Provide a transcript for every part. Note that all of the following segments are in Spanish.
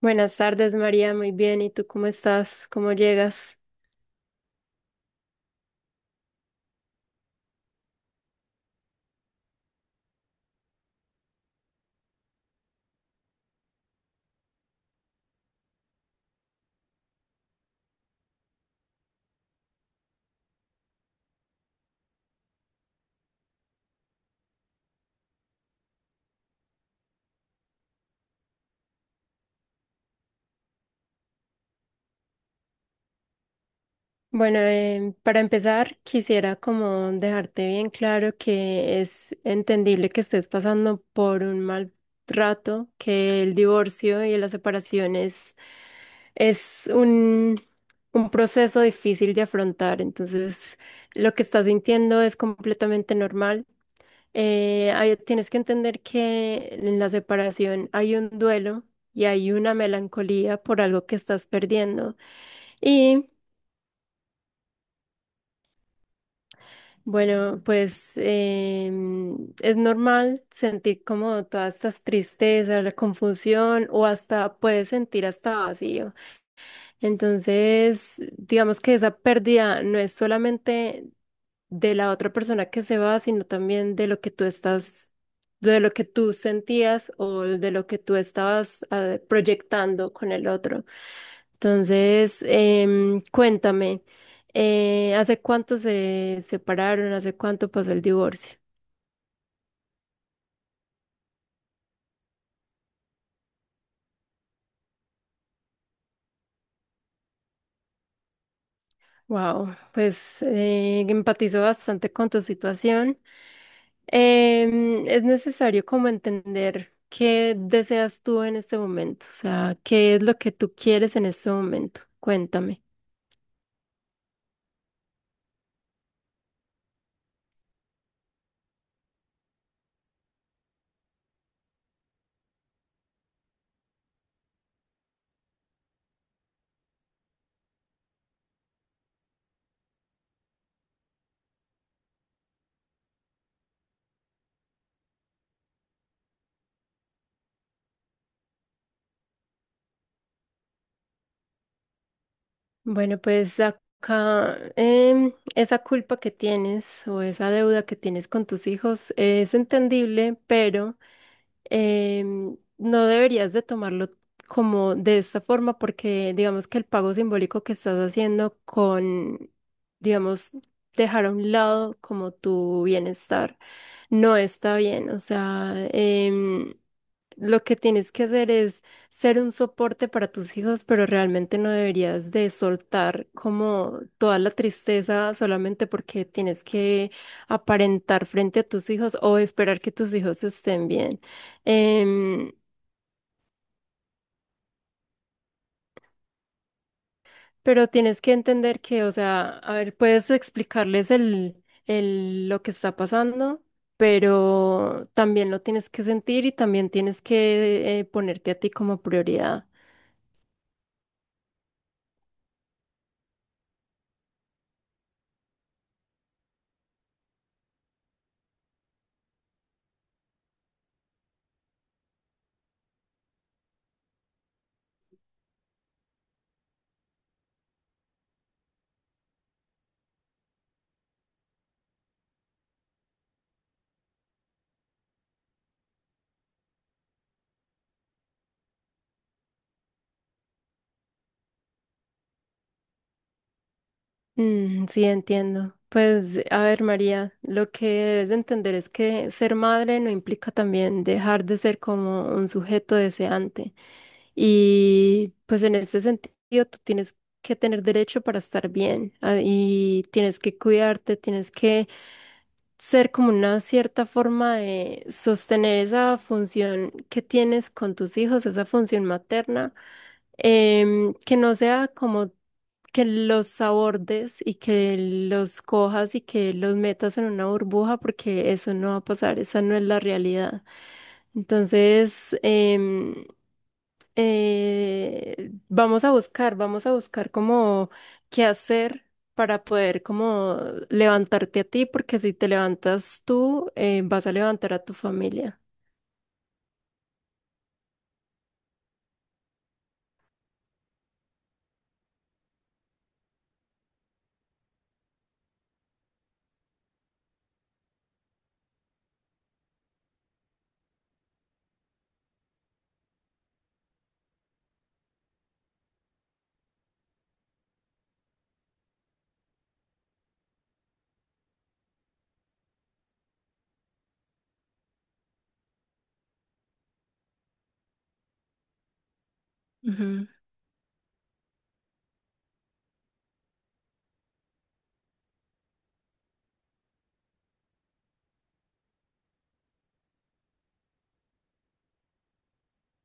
Buenas tardes, María. Muy bien. ¿Y tú cómo estás? ¿Cómo llegas? Bueno, para empezar, quisiera como dejarte bien claro que es entendible que estés pasando por un mal rato, que el divorcio y la separación es un proceso difícil de afrontar. Entonces, lo que estás sintiendo es completamente normal. Tienes que entender que en la separación hay un duelo y hay una melancolía por algo que estás perdiendo. Y bueno, pues es normal sentir como todas estas tristezas, la confusión o hasta puedes sentir hasta vacío. Entonces, digamos que esa pérdida no es solamente de la otra persona que se va, sino también de lo que tú estás, de lo que tú sentías o de lo que tú estabas proyectando con el otro. Entonces, cuéntame, ¿hace cuánto se separaron? ¿Hace cuánto pasó el divorcio? Wow, pues empatizo bastante con tu situación. Es necesario como entender qué deseas tú en este momento, o sea, qué es lo que tú quieres en este momento. Cuéntame. Bueno, pues acá esa culpa que tienes o esa deuda que tienes con tus hijos es entendible, pero no deberías de tomarlo como de esta forma porque digamos que el pago simbólico que estás haciendo con, digamos, dejar a un lado como tu bienestar no está bien. O sea, lo que tienes que hacer es ser un soporte para tus hijos, pero realmente no deberías de soltar como toda la tristeza solamente porque tienes que aparentar frente a tus hijos o esperar que tus hijos estén bien. Em, pero tienes que entender que, o sea, a ver, puedes explicarles lo que está pasando, pero también lo tienes que sentir y también tienes que ponerte a ti como prioridad. Mm, sí, entiendo. Pues, a ver, María, lo que debes de entender es que ser madre no implica también dejar de ser como un sujeto deseante. Y pues en ese sentido, tú tienes que tener derecho para estar bien y tienes que cuidarte, tienes que ser como una cierta forma de sostener esa función que tienes con tus hijos, esa función materna, que no sea como que los abordes y que los cojas y que los metas en una burbuja, porque eso no va a pasar, esa no es la realidad. Entonces, vamos a buscar como qué hacer para poder como levantarte a ti, porque si te levantas tú, vas a levantar a tu familia. Ujú.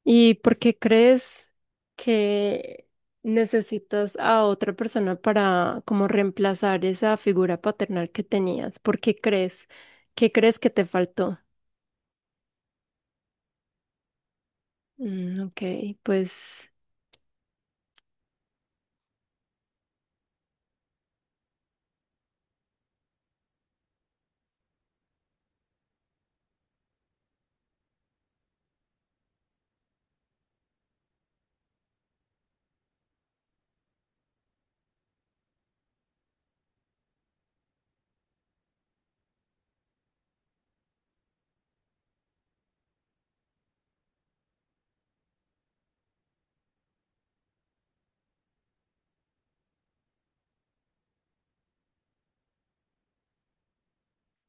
¿Y por qué crees que necesitas a otra persona para como reemplazar esa figura paternal que tenías? ¿Por qué crees? ¿Qué crees que te faltó? Mm, ok. Pues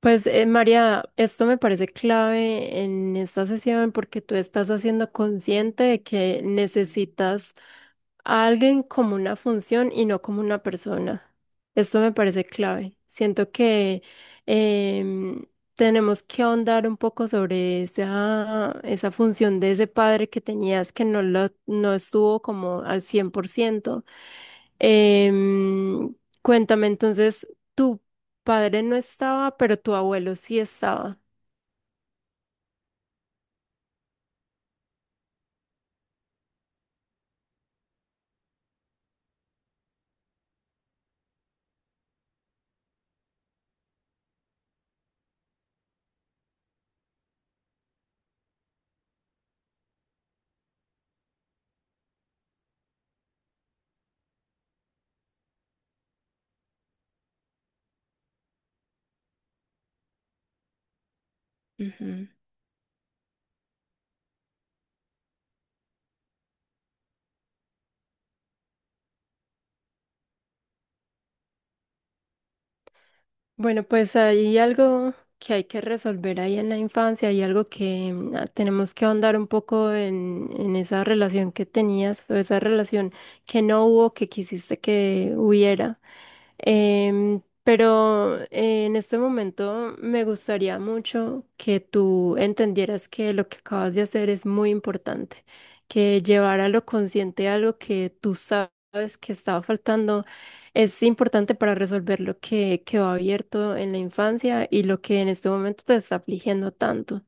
Pues María, esto me parece clave en esta sesión porque tú estás haciendo consciente de que necesitas a alguien como una función y no como una persona. Esto me parece clave. Siento que em, tenemos que ahondar un poco sobre esa, esa función de ese padre que tenías que no, lo, no estuvo como al 100%. Em, Cuéntame entonces, tu padre no estaba, pero tu abuelo sí estaba. Bueno, pues hay algo que hay que resolver ahí en la infancia, hay algo que tenemos que ahondar un poco en esa relación que tenías o esa relación que no hubo, que quisiste que hubiera. Pero en este momento me gustaría mucho que tú entendieras que lo que acabas de hacer es muy importante, que llevar a lo consciente algo que tú sabes que estaba faltando es importante para resolver lo que quedó abierto en la infancia y lo que en este momento te está afligiendo tanto.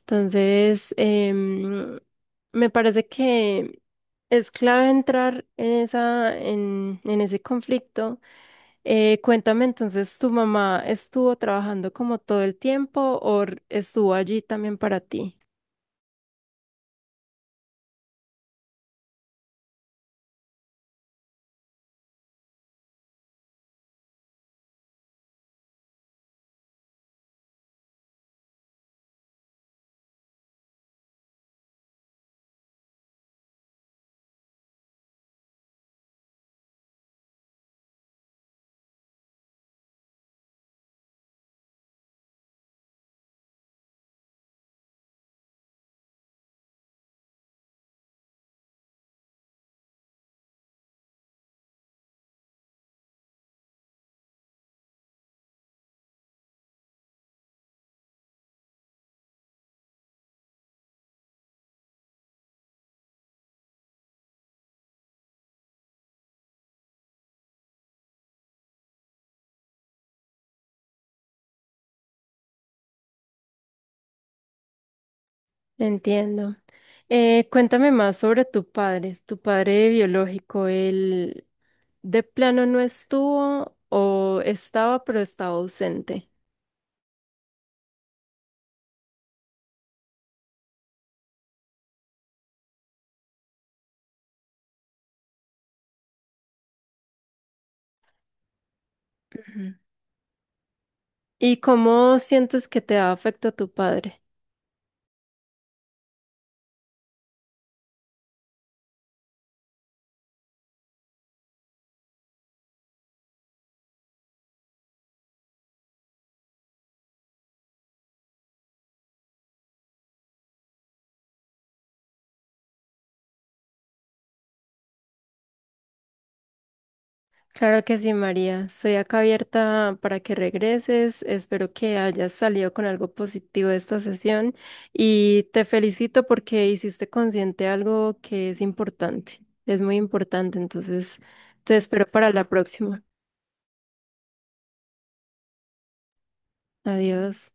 Entonces, me parece que es clave entrar en esa, en ese conflicto. Cuéntame entonces, ¿tu mamá estuvo trabajando como todo el tiempo o r- estuvo allí también para ti? Entiendo. Cuéntame más sobre tu padre biológico. ¿Él de plano no estuvo o estaba pero estaba ausente? Ujú. ¿Y cómo sientes que te ha afectado tu padre? Claro que sí, María. Soy acá abierta para que regreses. Espero que hayas salido con algo positivo de esta sesión y te felicito porque hiciste consciente algo que es importante. Es muy importante, entonces te espero para la próxima. Adiós.